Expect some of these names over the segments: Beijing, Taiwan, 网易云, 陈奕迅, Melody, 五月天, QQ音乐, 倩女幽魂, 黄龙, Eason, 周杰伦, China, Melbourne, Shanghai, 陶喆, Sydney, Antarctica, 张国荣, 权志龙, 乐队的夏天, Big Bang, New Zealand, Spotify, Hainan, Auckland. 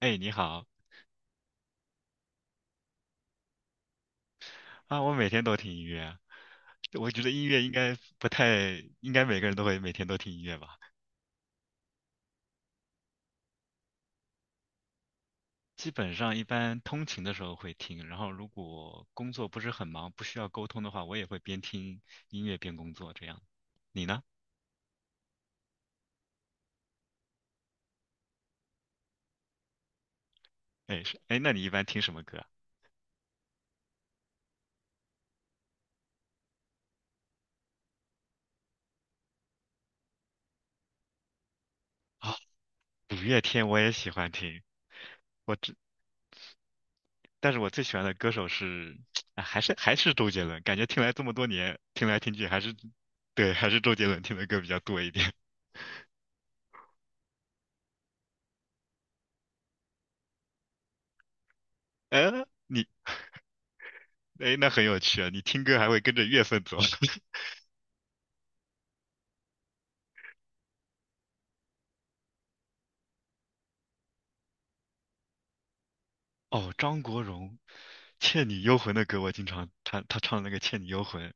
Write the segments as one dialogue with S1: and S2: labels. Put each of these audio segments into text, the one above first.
S1: 哎，你好啊！我每天都听音乐，我觉得音乐应该不太，应该每个人都会每天都听音乐吧。基本上一般通勤的时候会听，然后如果工作不是很忙，不需要沟通的话，我也会边听音乐边工作这样。你呢？哎，是，哎，那你一般听什么歌啊？啊，五月天我也喜欢听，我只，但是我最喜欢的歌手是，啊还是周杰伦，感觉听来这么多年，听来听去还是，对，还是周杰伦听的歌比较多一点。呃，你哎，那很有趣啊！你听歌还会跟着乐份走。哦，张国荣，《倩女幽魂》的歌我经常，他唱的那个《倩女幽魂》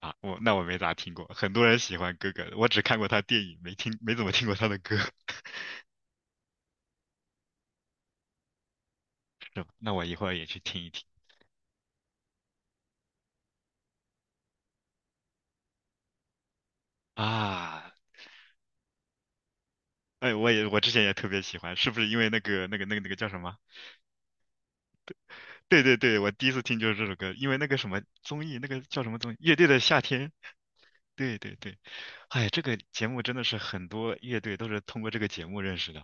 S1: 啊，那我没咋听过。很多人喜欢哥哥，我只看过他电影，没怎么听过他的歌，是吧？那我一会儿也去听一听啊。哎，我之前也特别喜欢，是不是因为那个叫什么？对对对，我第一次听就是这首歌，因为那个什么综艺，那个叫什么综艺，《乐队的夏天》。对对对，哎，这个节目真的是很多乐队都是通过这个节目认识的。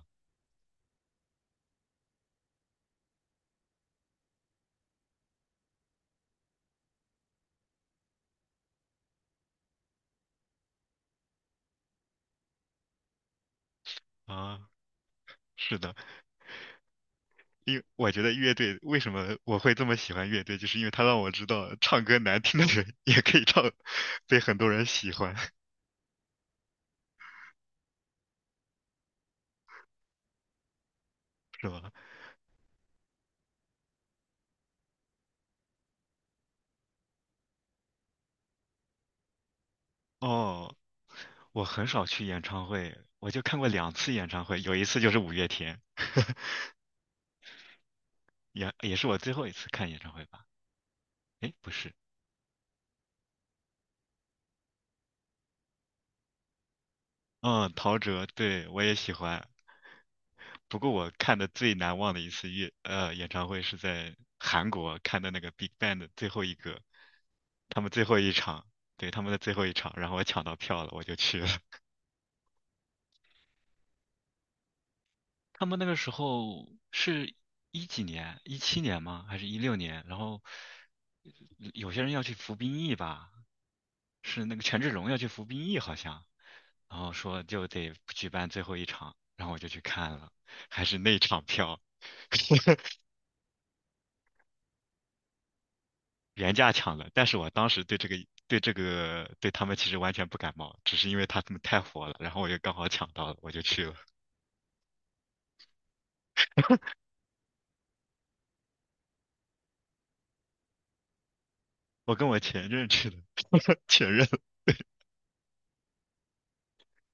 S1: 啊，是的，因为我觉得乐队为什么我会这么喜欢乐队，就是因为他让我知道唱歌难听的人 也可以唱，被很多人喜欢，是吧？哦，我很少去演唱会，我就看过2次演唱会，有一次就是五月天，也是我最后一次看演唱会吧？诶，不是，嗯，陶喆，对，我也喜欢，不过我看的最难忘的一次乐呃演唱会是在韩国看的那个 Big Bang 的最后一个，他们最后一场，对，他们的最后一场，然后我抢到票了，我就去了。他们那个时候是一几年，17年吗？还是16年？然后有些人要去服兵役吧，是那个权志龙要去服兵役好像，然后说就得举办最后一场，然后我就去看了，还是那场票，原价抢的，但是我当时对他们其实完全不感冒，只是因为他们太火了，然后我就刚好抢到了，我就去了。我跟我前任去的，前任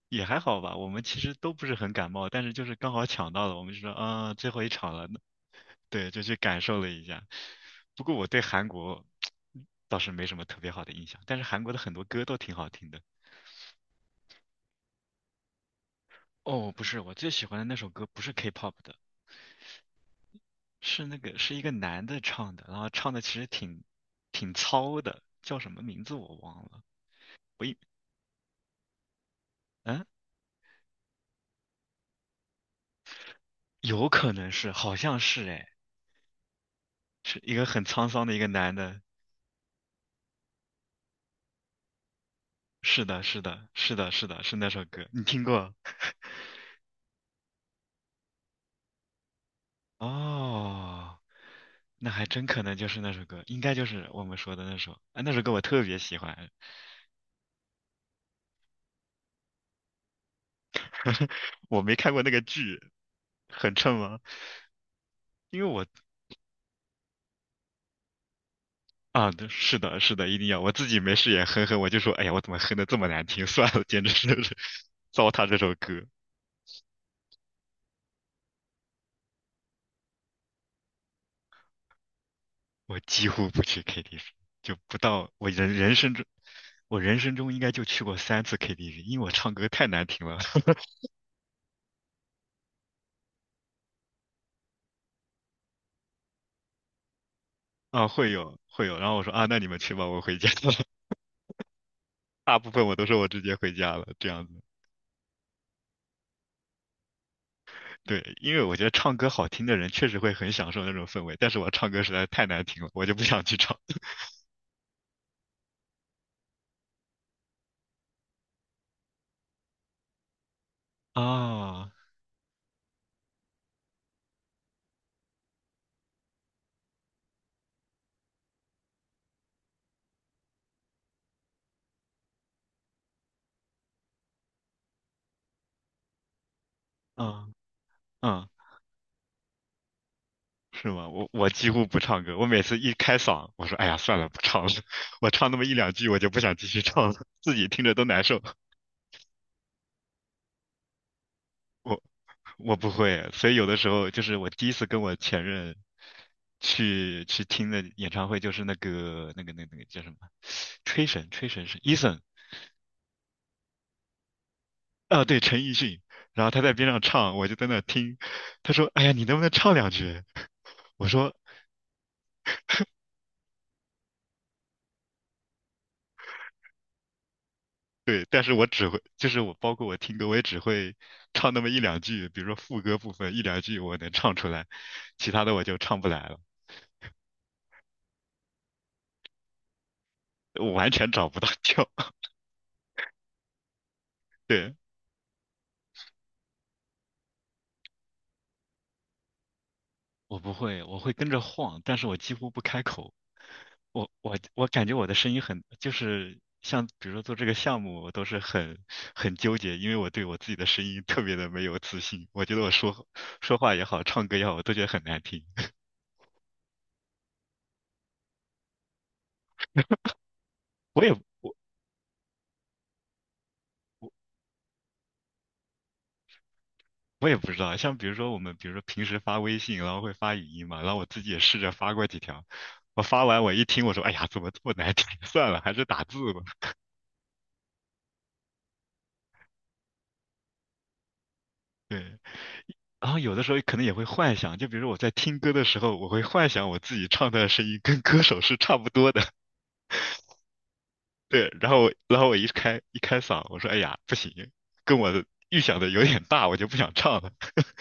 S1: 也还好吧，我们其实都不是很感冒，但是就是刚好抢到了，我们就说啊，最后一场了，对，就去感受了一下。不过我对韩国倒是没什么特别好的印象，但是韩国的很多歌都挺好听的。哦，不是，我最喜欢的那首歌不是 K-pop 的，是那个是一个男的唱的，然后唱的其实挺糙的，叫什么名字我忘了。我一嗯，有可能是，好像是哎，是一个很沧桑的一个男的。是的，是的，是的，是的，是那首歌，你听过？哦，那还真可能就是那首歌，应该就是我们说的那首。啊，那首歌我特别喜欢，我没看过那个剧，很衬吗？因为我啊，对，是的，是的，一定要。我自己没事也哼哼，我就说，哎呀，我怎么哼的这么难听？算了，简直是 糟蹋这首歌。我几乎不去 KTV，就不到我人生中，我人生中应该就去过3次 KTV，因为我唱歌太难听了。啊，会有会有，然后我说啊，那你们去吧，我回家了。大部分我都说我直接回家了，这样子。对，因为我觉得唱歌好听的人确实会很享受那种氛围，但是我唱歌实在太难听了，我就不想去唱。啊，嗯嗯。是吗？我几乎不唱歌，我每次一开嗓，我说哎呀算了，不唱了，我唱那么一两句，我就不想继续唱了，自己听着都难受。我我不会，所以有的时候就是我第一次跟我前任去听的演唱会，就是那个叫什么，吹神是 Eason 啊，对，陈奕迅，然后他在边上唱，我就在那听，他说哎呀你能不能唱两句？我说对，但是我只会，就是我包括我听歌，我也只会 唱那么一两句，比如说副歌部分一两句我能唱出来，其他的我就唱不来了，我完全找不到调。对，我不会，我会跟着晃，但是我几乎不开口。我感觉我的声音很，就是像比如说做这个项目，我都是很纠结，因为我对我自己的声音特别的没有自信，我觉得我说话也好，唱歌也好，我都觉得很难听。我也我我也不知道，像比如说我们，比如说平时发微信，然后会发语音嘛，然后我自己也试着发过几条，我发完我一听，我说，哎呀，怎么这么难听？算了，还是打字吧。对，然后有的时候可能也会幻想，就比如说我在听歌的时候，我会幻想我自己唱的声音跟歌手是差不多的。对，然后我一开嗓，我说，哎呀，不行，跟我的预想的有点大，我就不想唱了。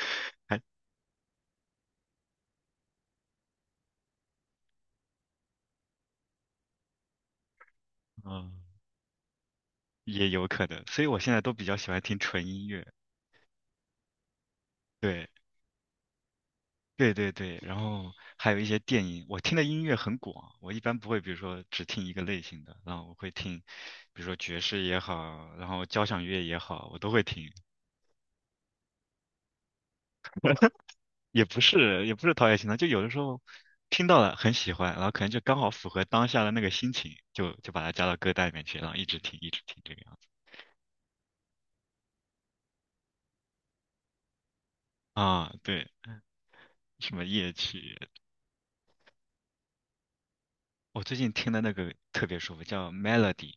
S1: 嗯，也有可能，所以我现在都比较喜欢听纯音乐。对。对对对，然后还有一些电影，我听的音乐很广，我一般不会，比如说只听一个类型的，然后我会听，比如说爵士也好，然后交响乐也好，我都会听，也不是陶冶情操，就有的时候听到了很喜欢，然后可能就刚好符合当下的那个心情，就把它加到歌单里面去，然后一直听一直听这个样子。啊，对，什么夜曲，我最近听的那个特别舒服，叫 Melody。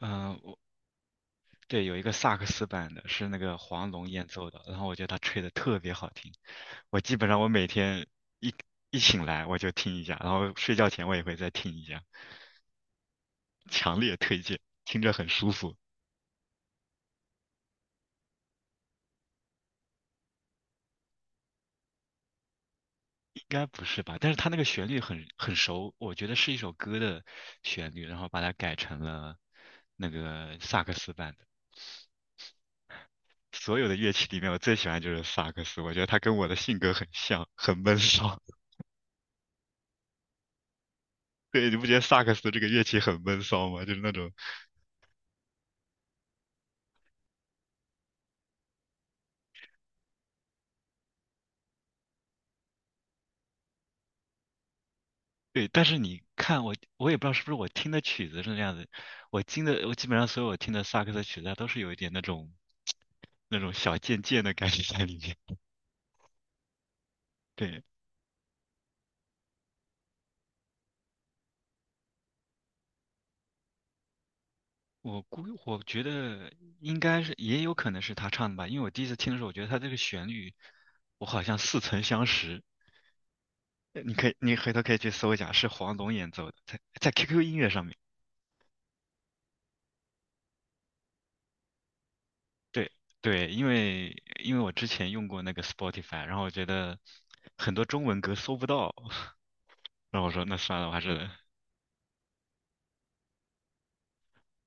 S1: 嗯、对，有一个萨克斯版的，是那个黄龙演奏的，然后我觉得他吹的特别好听。我基本上我每天一一醒来我就听一下，然后睡觉前我也会再听一下，强烈推荐，听着很舒服。应该不是吧？但是他那个旋律很熟，我觉得是一首歌的旋律，然后把它改成了那个萨克斯版的。所有的乐器里面，我最喜欢就是萨克斯，我觉得他跟我的性格很像，很闷骚。对，你不觉得萨克斯这个乐器很闷骚吗？就是那种对，但是你看我，我也不知道是不是我听的曲子是那样子，我听的我基本上所有我听的萨克斯曲子，它都是有一点那种那种小贱贱的感觉在里面。对，我觉得应该是也有可能是他唱的吧，因为我第一次听的时候，我觉得他这个旋律我好像似曾相识。呃你可以你回头可以去搜一下，是黄龙演奏的，在 QQ 音乐上面。对对，因为我之前用过那个 Spotify，然后我觉得很多中文歌搜不到。然后我说那算了，我还是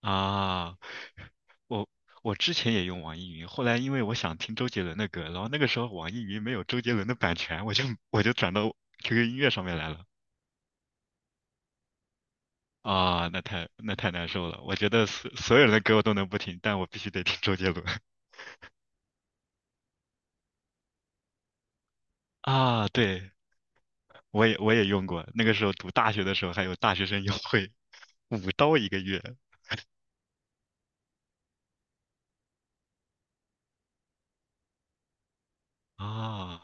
S1: 啊，我我之前也用网易云，后来因为我想听周杰伦的歌，然后那个时候网易云没有周杰伦的版权，我就转到 QQ 音乐上面来了。啊，那太难受了。我觉得所有人的歌我都能不听，但我必须得听周杰伦。啊，对，我也用过，那个时候读大学的时候还有大学生优惠，5刀一个月。啊，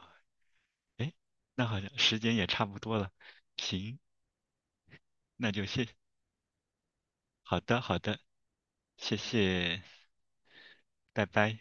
S1: 哎，那好像时间也差不多了，行，那就谢，好的好的。谢谢，拜拜。